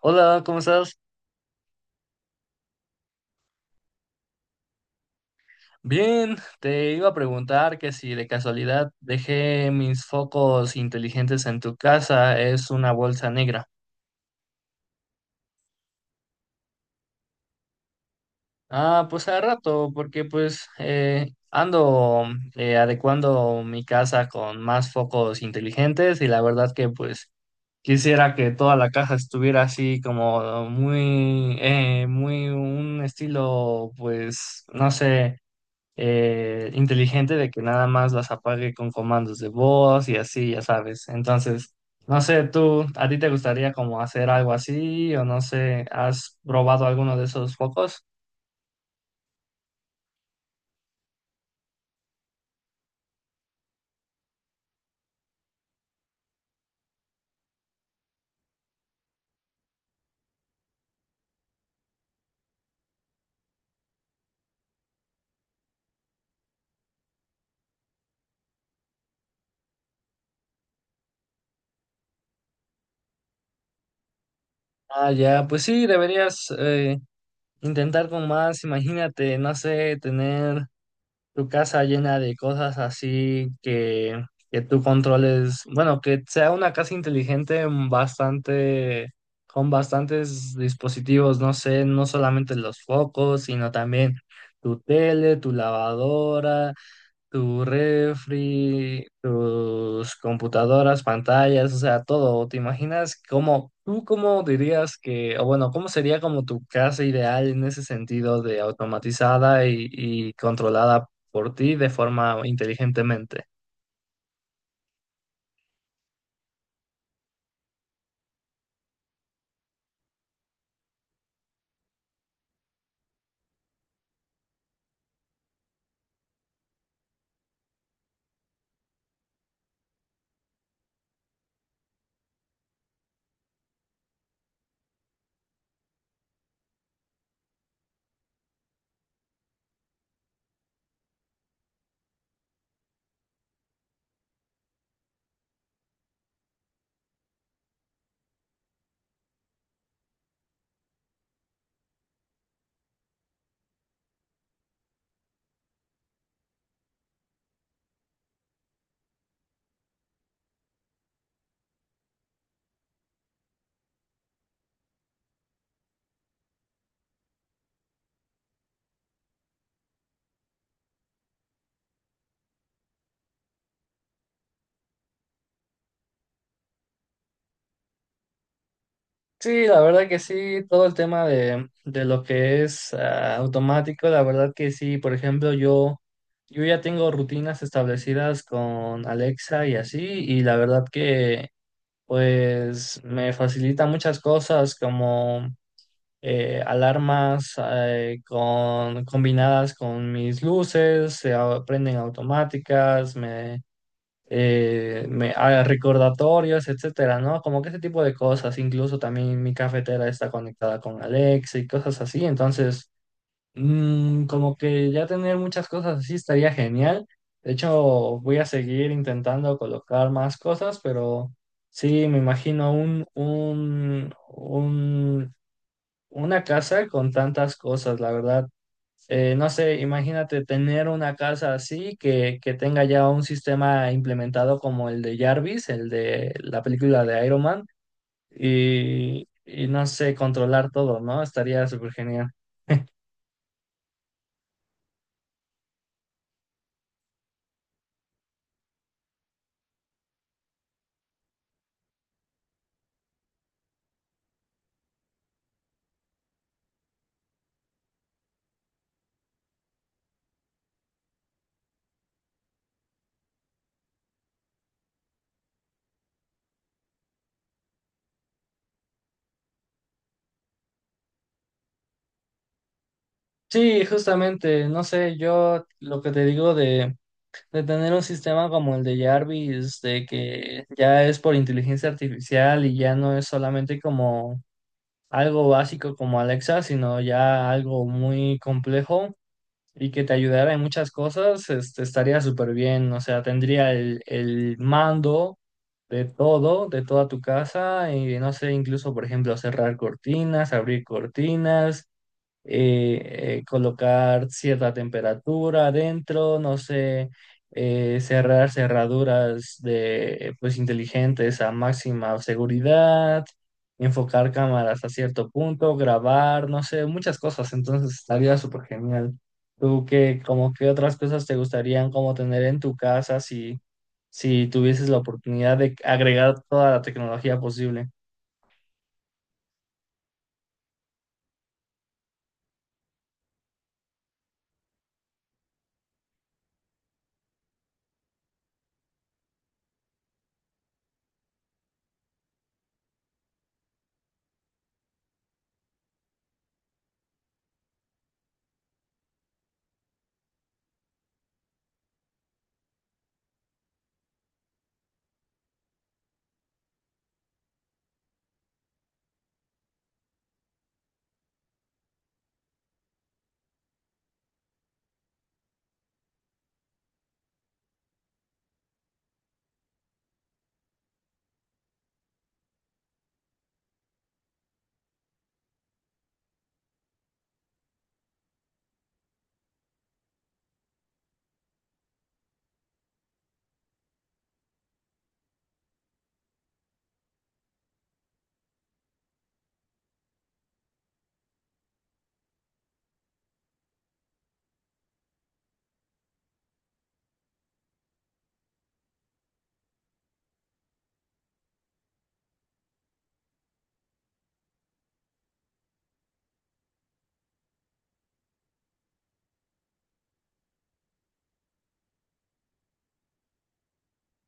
Hola, ¿cómo estás? Bien, te iba a preguntar que si de casualidad dejé mis focos inteligentes en tu casa, es una bolsa negra. Ah, pues a rato, porque pues ando adecuando mi casa con más focos inteligentes y la verdad que pues quisiera que toda la casa estuviera así como muy, muy un estilo, pues no sé. Inteligente de que nada más las apague con comandos de voz y así, ya sabes. Entonces, no sé, tú, ¿a ti te gustaría como hacer algo así o no sé, has probado alguno de esos focos? Ah, ya, pues sí, deberías intentar con más, imagínate, no sé, tener tu casa llena de cosas así que tú controles, bueno, que sea una casa inteligente mm, bastante, con bastantes dispositivos, no sé, no solamente los focos, sino también tu tele, tu lavadora, tu refri, tus computadoras, pantallas, o sea, todo. ¿Te imaginas cómo, tú cómo dirías que, o bueno, cómo sería como tu casa ideal en ese sentido de automatizada y controlada por ti de forma inteligentemente? Sí, la verdad que sí, todo el tema de lo que es ah, automático, la verdad que sí, por ejemplo, yo ya tengo rutinas establecidas con Alexa y así, y la verdad que pues me facilita muchas cosas como alarmas con, combinadas con mis luces, se prenden automáticas, me, me ah, recordatorios, etcétera, ¿no? Como que ese tipo de cosas, incluso también mi cafetera está conectada con Alexa y cosas así, entonces mm, como que ya tener muchas cosas así estaría genial. De hecho, voy a seguir intentando colocar más cosas, pero sí, me imagino una casa con tantas cosas, la verdad. No sé, imagínate tener una casa así que tenga ya un sistema implementado como el de Jarvis, el de la película de Iron Man, y no sé, controlar todo, ¿no? Estaría súper genial. Sí, justamente, no sé, yo lo que te digo de tener un sistema como el de Jarvis, de que ya es por inteligencia artificial y ya no es solamente como algo básico como Alexa, sino ya algo muy complejo y que te ayudara en muchas cosas, este, estaría súper bien, o sea, tendría el mando de todo, de toda tu casa y no sé, incluso, por ejemplo, cerrar cortinas, abrir cortinas colocar cierta temperatura adentro, no sé, cerrar cerraduras de, pues, inteligentes a máxima seguridad, enfocar cámaras a cierto punto, grabar, no sé, muchas cosas. Entonces estaría súper genial. ¿Tú qué, como qué otras cosas te gustarían como tener en tu casa si, si tuvieses la oportunidad de agregar toda la tecnología posible?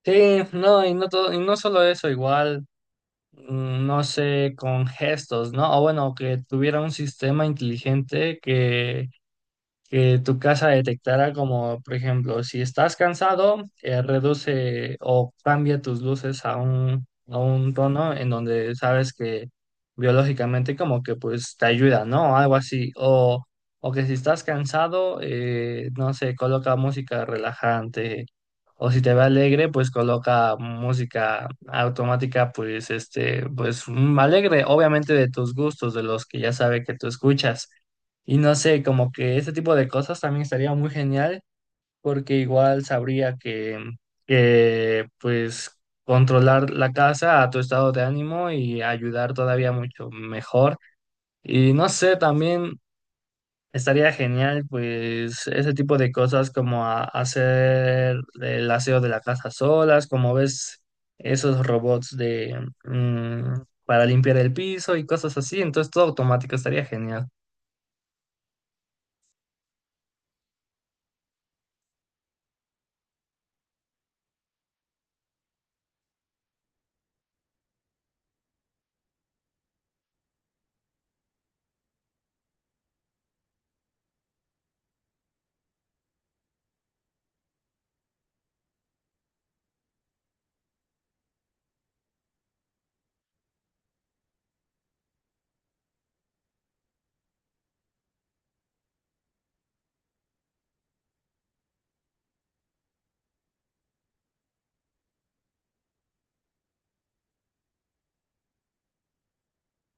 Sí, no, y no todo, y no solo eso, igual. Mm, no sé, con gestos, ¿no? O bueno, que tuviera un sistema inteligente que tu casa detectara como, por ejemplo, si estás cansado, reduce o cambia tus luces a un tono en donde sabes que biológicamente como que pues te ayuda, ¿no? Algo así. O que si estás cansado, no sé, coloca música relajante. O si te ve alegre, pues coloca música automática, pues este, pues mm, alegre, obviamente de tus gustos, de los que ya sabe que tú escuchas. Y no sé, como que ese tipo de cosas también estaría muy genial, porque igual sabría que, pues controlar la casa a tu estado de ánimo y ayudar todavía mucho mejor. Y no sé, también estaría genial, pues ese tipo de cosas como hacer el aseo de la casa solas, como ves esos robots de mm, para limpiar el piso y cosas así. Entonces todo automático estaría genial.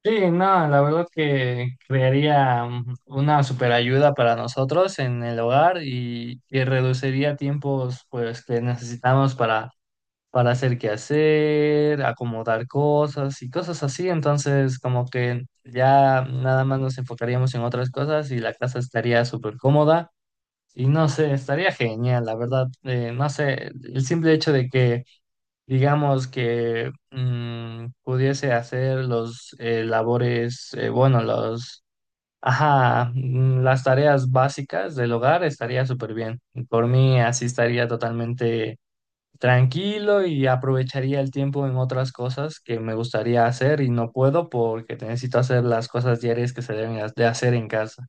Sí, no, la verdad que crearía mm, una super ayuda para nosotros en el hogar y reduciría tiempos pues que necesitamos para hacer qué hacer, acomodar cosas y cosas así. Entonces, como que ya nada más nos enfocaríamos en otras cosas y la casa estaría súper cómoda. Y no sé, estaría genial, la verdad. No sé, el simple hecho de que digamos que mm, pudiese hacer los labores, bueno, los, ajá, mm, las tareas básicas del hogar estaría súper bien. Por mí así estaría totalmente tranquilo y aprovecharía el tiempo en otras cosas que me gustaría hacer y no puedo porque necesito hacer las cosas diarias que se deben de hacer en casa.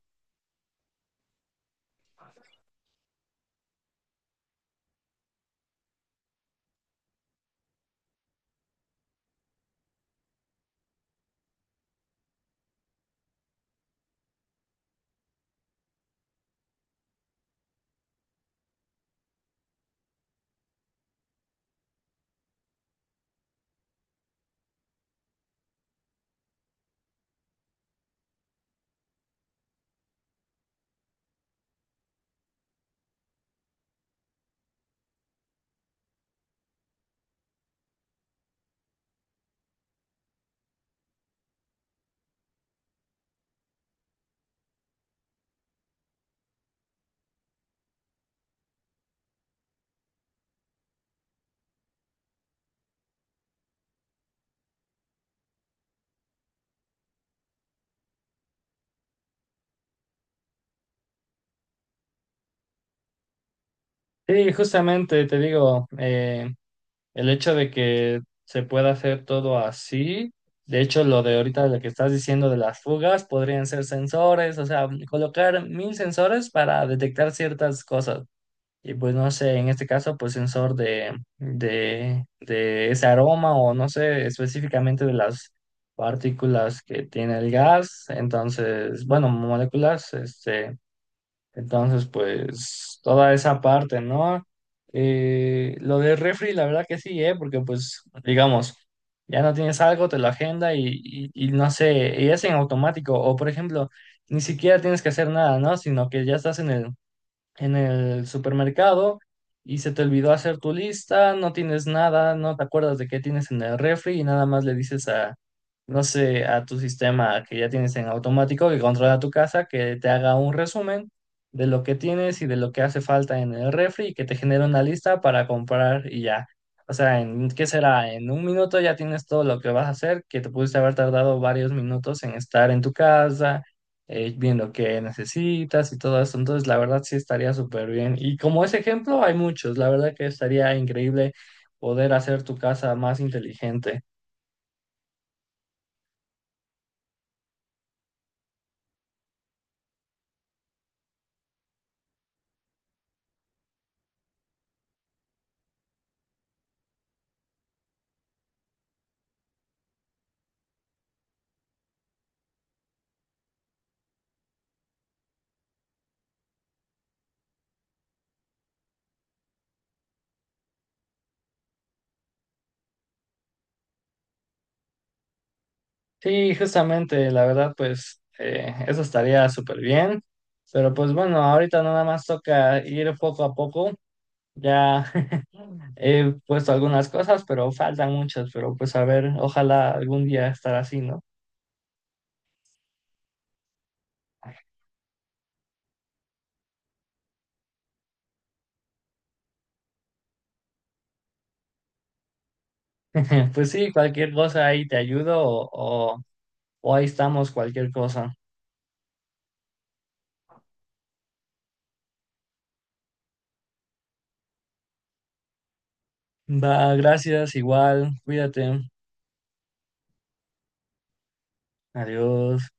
Sí, justamente te digo, el hecho de que se pueda hacer todo así, de hecho, lo de ahorita, lo que estás diciendo de las fugas, podrían ser sensores, o sea, colocar mil sensores para detectar ciertas cosas. Y pues no sé, en este caso, pues sensor de, de ese aroma o no sé, específicamente de las partículas que tiene el gas. Entonces, bueno, moléculas, este. Entonces, pues toda esa parte, ¿no? Lo del refri, la verdad que sí, ¿eh? Porque pues, digamos, ya no tienes algo, te lo agenda y no sé, y es en automático. O por ejemplo, ni siquiera tienes que hacer nada, ¿no? Sino que ya estás en el supermercado y se te olvidó hacer tu lista, no tienes nada, no te acuerdas de qué tienes en el refri y nada más le dices a, no sé, a tu sistema que ya tienes en automático que controla tu casa, que te haga un resumen de lo que tienes y de lo que hace falta en el refri y que te genere una lista para comprar y ya. O sea, ¿en qué será? En un minuto ya tienes todo lo que vas a hacer, que te pudiste haber tardado varios minutos en estar en tu casa viendo qué necesitas y todo eso. Entonces, la verdad sí estaría súper bien. Y como ese ejemplo, hay muchos. La verdad que estaría increíble poder hacer tu casa más inteligente. Sí, justamente, la verdad, pues eso estaría súper bien. Pero pues bueno, ahorita nada más toca ir poco a poco. Ya he puesto algunas cosas, pero faltan muchas. Pero pues a ver, ojalá algún día estar así, ¿no? Pues sí, cualquier cosa ahí te ayudo o o ahí estamos, cualquier cosa. Va, gracias, igual, cuídate, adiós.